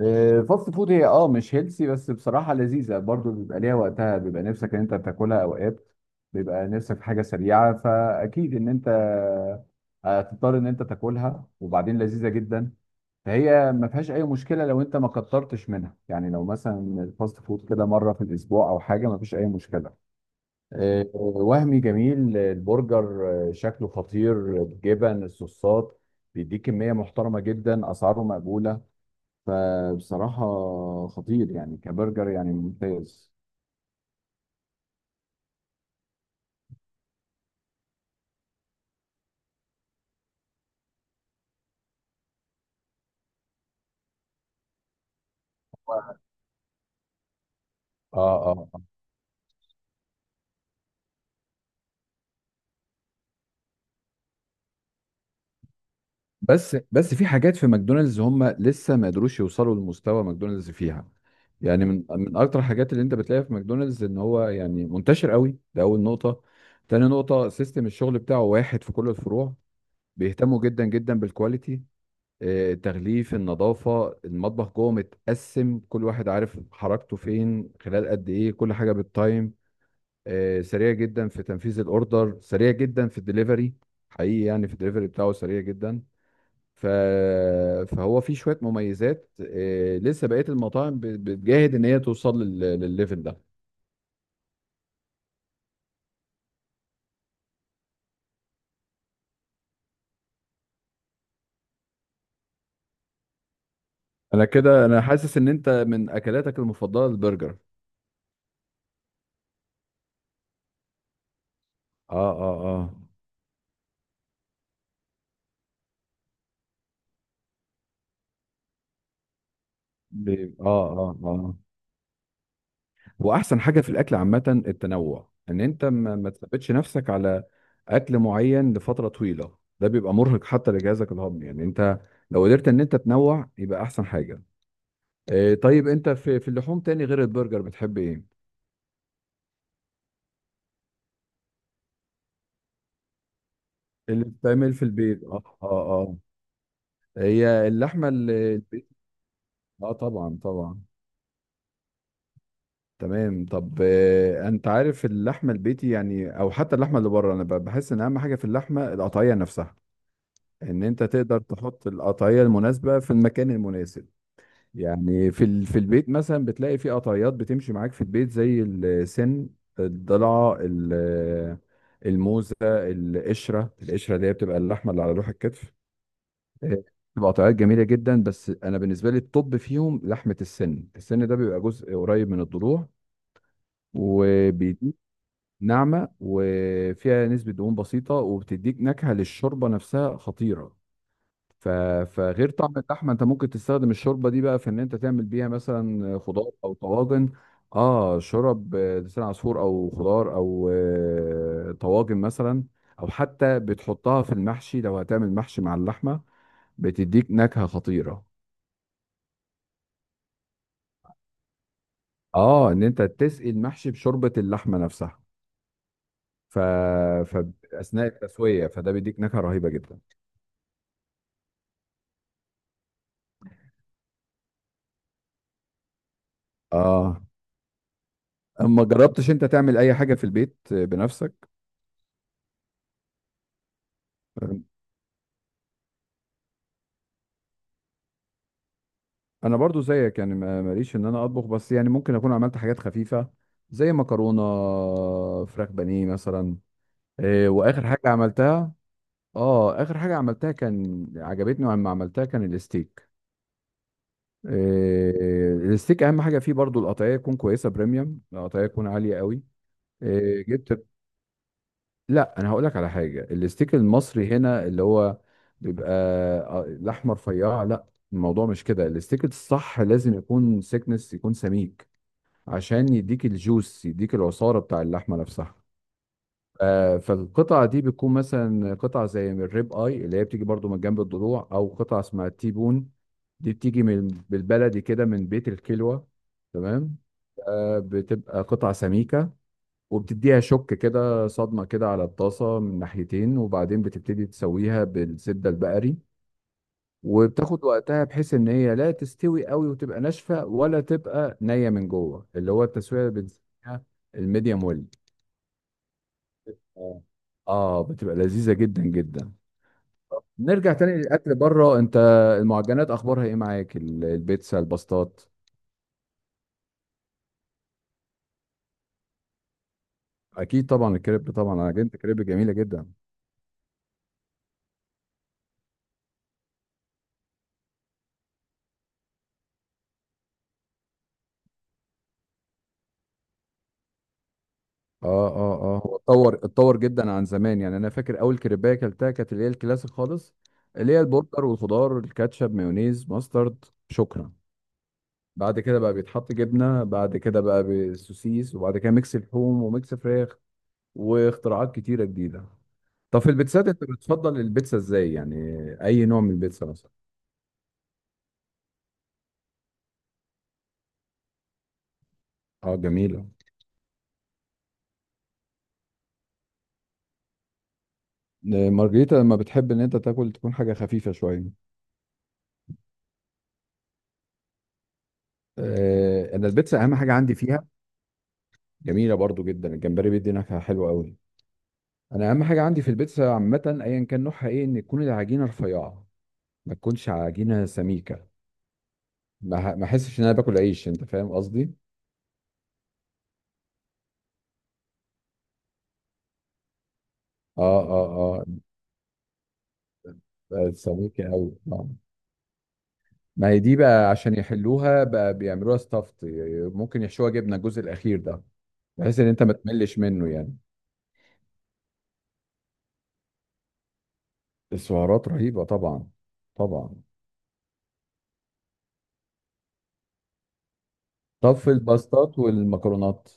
فاست فود هي مش هيلسي، بس بصراحة لذيذة برضو، بيبقى ليها وقتها، بيبقى نفسك ان انت تاكلها اوقات. بيبقى نفسك في حاجة سريعة، فاكيد ان انت هتضطر ان انت تاكلها، وبعدين لذيذة جدا. فهي ما فيهاش اي مشكلة لو انت ما كترتش منها، يعني لو مثلا الفاست فود كده مرة في الاسبوع او حاجة، ما فيش اي مشكلة. وهمي جميل، البرجر شكله خطير، الجبن، الصوصات، بيديك كمية محترمة جدا، اسعاره مقبولة. فبصراحة خطير يعني، كبرجر يعني ممتاز. اه اه آه. بس في حاجات في ماكدونالدز هم لسه ما قدروش يوصلوا لمستوى ماكدونالدز فيها. يعني من اكتر الحاجات اللي انت بتلاقيها في ماكدونالدز ان هو يعني منتشر قوي، ده اول نقطة. تاني نقطة، سيستم الشغل بتاعه واحد في كل الفروع. بيهتموا جدا جدا بالكواليتي، التغليف، النظافة، المطبخ جوه متقسم، كل واحد عارف حركته فين، خلال قد ايه كل حاجة بالتايم. سريع جدا في تنفيذ الاوردر، سريع جدا في الدليفري. حقيقي يعني في الدليفري بتاعه سريع جدا. ف... فهو فيه شوية مميزات، لسه بقية المطاعم بتجاهد ان هي توصل للليفل ده. انا كده، انا حاسس ان انت من اكلاتك المفضلة البرجر. اه اه اه. اه اه اه. واحسن حاجه في الاكل عامه التنوع، ان انت ما تثبتش نفسك على اكل معين لفتره طويله، ده بيبقى مرهق حتى لجهازك الهضمي، يعني انت لو قدرت ان انت تنوع يبقى احسن حاجه. إيه طيب انت في اللحوم تاني غير البرجر بتحب ايه؟ اللي بتتعمل في البيت، اه اه اه. هي اللحمه اللي البيت. اه طبعا طبعا. تمام. طب انت عارف اللحمه البيتي يعني، او حتى اللحمه اللي بره، انا بحس ان اهم حاجه في اللحمه القطعيه نفسها، ان انت تقدر تحط القطعيه المناسبه في المكان المناسب. يعني في في البيت مثلا بتلاقي في قطعيات بتمشي معاك في البيت زي السن، الضلعه الموزه، القشره، القشره اللي هي بتبقى اللحمه اللي على لوح الكتف. آه، بتبقى قطعيات جميله جدا، بس انا بالنسبه لي الطب فيهم لحمه السن، السن ده بيبقى جزء قريب من الضلوع، وبيديك ناعمه وفيها نسبه دهون بسيطه، وبتديك نكهه للشوربه نفسها خطيره. ف... فغير طعم اللحمه، انت ممكن تستخدم الشوربه دي بقى في ان انت تعمل بيها مثلا خضار او طواجن. اه شرب آه، لسان عصفور او خضار او طواجن مثلا، او حتى بتحطها في المحشي لو هتعمل محشي مع اللحمه، بتديك نكهه خطيره. اه ان انت تسقي المحشي بشوربه اللحمه نفسها ف... ف اثناء التسويه، فده بيديك نكهه رهيبه جدا. اه ما جربتش انت تعمل اي حاجه في البيت بنفسك؟ انا برضو زيك يعني ماليش ان انا اطبخ، بس يعني ممكن اكون عملت حاجات خفيفه، زي مكرونه، فراخ بانيه مثلا. إيه واخر حاجه عملتها؟ اه اخر حاجه عملتها كان عجبتني لما عملتها كان الستيك. إيه الستيك اهم حاجه فيه برضو القطعيه تكون كويسه، بريميوم، القطعيه تكون عاليه قوي. إيه جبت. لا انا هقول لك على حاجه، الستيك المصري هنا اللي هو بيبقى الاحمر رفيع، لا، الموضوع مش كده، الستيك الصح لازم يكون سيكنس، يكون سميك، عشان يديك الجوس، يديك العصارة بتاع اللحمة نفسها. فالقطعة دي بتكون مثلا قطعة زي من الريب اي، اللي هي بتيجي برضو من جنب الضلوع، او قطعة اسمها التيبون، دي بتيجي من بالبلدي كده من بيت الكلوة، تمام. بتبقى قطعة سميكة، وبتديها شك كده، صدمة كده على الطاسة من ناحيتين، وبعدين بتبتدي تسويها بالزبدة البقري، وبتاخد وقتها بحيث ان هي لا تستوي قوي وتبقى ناشفه، ولا تبقى نيه من جوه، اللي هو التسويه اللي بنسميها الميديم ويل. اه اه، بتبقى لذيذه جدا جدا. نرجع تاني للاكل بره. انت المعجنات اخبارها ايه معاك؟ البيتزا، الباستات؟ اكيد طبعا، الكريب طبعا، انا جبت كريب جميله جدا. اه اه اه، هو اتطور اتطور جدا عن زمان، يعني انا فاكر اول كريبايه اكلتها كانت اللي هي الكلاسيك خالص، اللي هي البرجر والخضار، الكاتشب، مايونيز، ماسترد، شكرا. بعد كده بقى بيتحط جبنه، بعد كده بقى بالسوسيس، وبعد كده ميكس لحوم وميكس فراخ، واختراعات كتيره جديده. طب في البيتزات انت بتفضل البيتزا ازاي يعني؟ اي نوع من البيتزا مثلا؟ اه جميلة. مارجريتا لما بتحب ان انت تاكل تكون حاجة خفيفة شوية. انا البيتزا اهم حاجة عندي فيها. جميلة برضو جدا، الجمبري بيدي نكهة حلوة قوي. انا اهم حاجة عندي في البيتزا عامة، ايا كان نوعها ايه، ان تكون العجينة رفيعة، ما تكونش عجينة سميكة، ما احسش ان انا باكل عيش، انت فاهم قصدي. اه اه آه. بقت سميكة أوي آه. ما هي دي بقى عشان يحلوها بقى بيعملوها ستافت، ممكن يحشوها جبنة الجزء الأخير ده، بحيث إن أنت ما تملش منه يعني. السعرات رهيبة طبعا. طبعا. طب في الباستات والمكرونات.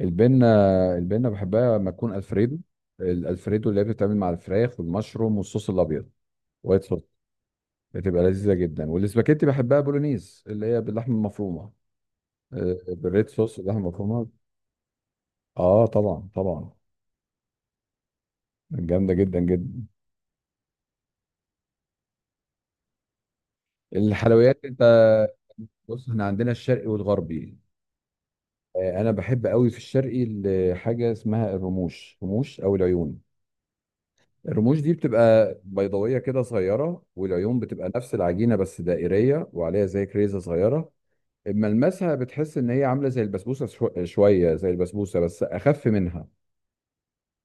البنة، البنة بحبها لما تكون ألفريدو. الألفريدو اللي هي بتتعمل مع الفراخ والمشروم والصوص الأبيض، وايت صوص، بتبقى لذيذة جدا. والاسباجيتي بحبها بولونيز اللي هي باللحمة المفرومة، بالريد صوص، اللحمة المفرومة. اه طبعا طبعا. جامدة جدا جدا. الحلويات انت، بص احنا عندنا الشرقي والغربي. انا بحب قوي في الشرقي حاجه اسمها الرموش، رموش او العيون. الرموش دي بتبقى بيضاويه كده صغيره، والعيون بتبقى نفس العجينه بس دائريه وعليها زي كريزه صغيره. ملمسها بتحس ان هي عامله زي البسبوسه، شويه زي البسبوسه بس اخف منها.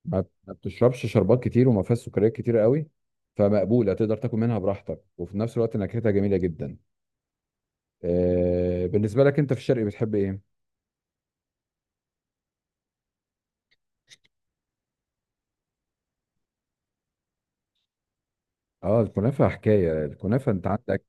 ما بتشربش شربات كتير وما فيهاش سكريات كتير قوي، فمقبوله تقدر تاكل منها براحتك، وفي نفس الوقت نكهتها جميله جدا. بالنسبه لك انت في الشرقي بتحب ايه؟ اه الكنافه، حكايه الكنافه. انت عندك،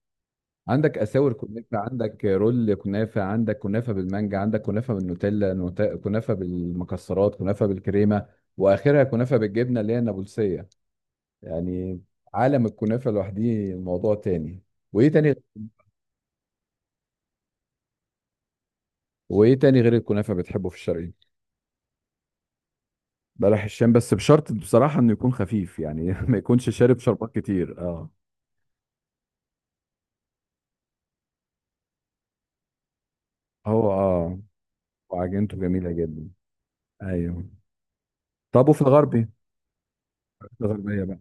عندك اساور كنافه، عندك رول كنافه، عندك كنافه بالمانجا، عندك كنافه بالنوتيلا، كنافه بالمكسرات، كنافه بالكريمه، واخرها كنافه بالجبنه اللي هي النابلسيه. يعني عالم الكنافه لوحده موضوع تاني. وايه تاني؟ وايه تاني غير الكنافه بتحبه في الشرقي؟ بلح الشام، بس بشرط بصراحه انه يكون خفيف يعني، ما يكونش شارب شربات كتير، اه. هو اه، وعجينته جميله جدا، ايوه. طب وفي الغربي. في الغربيه بقى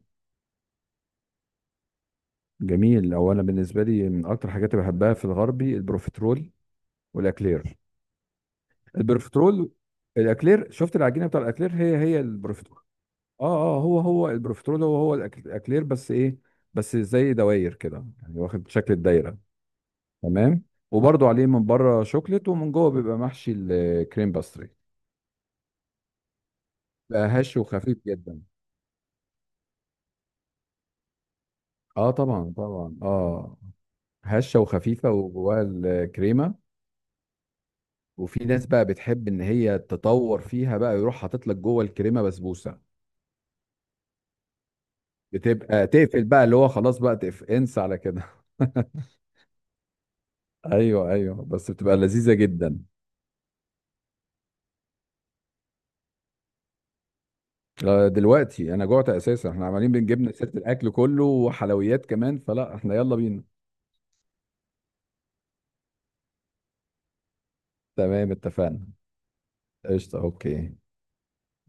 جميل، هو انا بالنسبه لي من اكتر حاجات اللي بحبها في الغربي البروفيترول، والاكلير. البروفيترول، الاكلير، شفت العجينه بتاع الاكلير هي هي البروفيترول. اه اه، هو هو البروفيترول، هو هو الاكلير، بس ايه، بس زي دواير كده يعني، واخد شكل الدايره، تمام. وبرضو عليه من بره شوكليت ومن جوه بيبقى محشي الكريم باستري، بقى هش وخفيف جدا. اه طبعا طبعا. اه هشه وخفيفه وجواها الكريمه. وفي ناس بقى بتحب ان هي تطور فيها بقى، يروح حاطط لك جوه الكريمه بسبوسه، بتبقى تقفل بقى اللي هو خلاص بقى، تقف انسى على كده. ايوه ايوه، بس بتبقى لذيذه جدا. دلوقتي انا جوعت اساسا، احنا عمالين بنجيبنا سيره الاكل كله وحلويات كمان، فلا احنا يلا بينا. تمام اتفقنا. قشطه اوكي.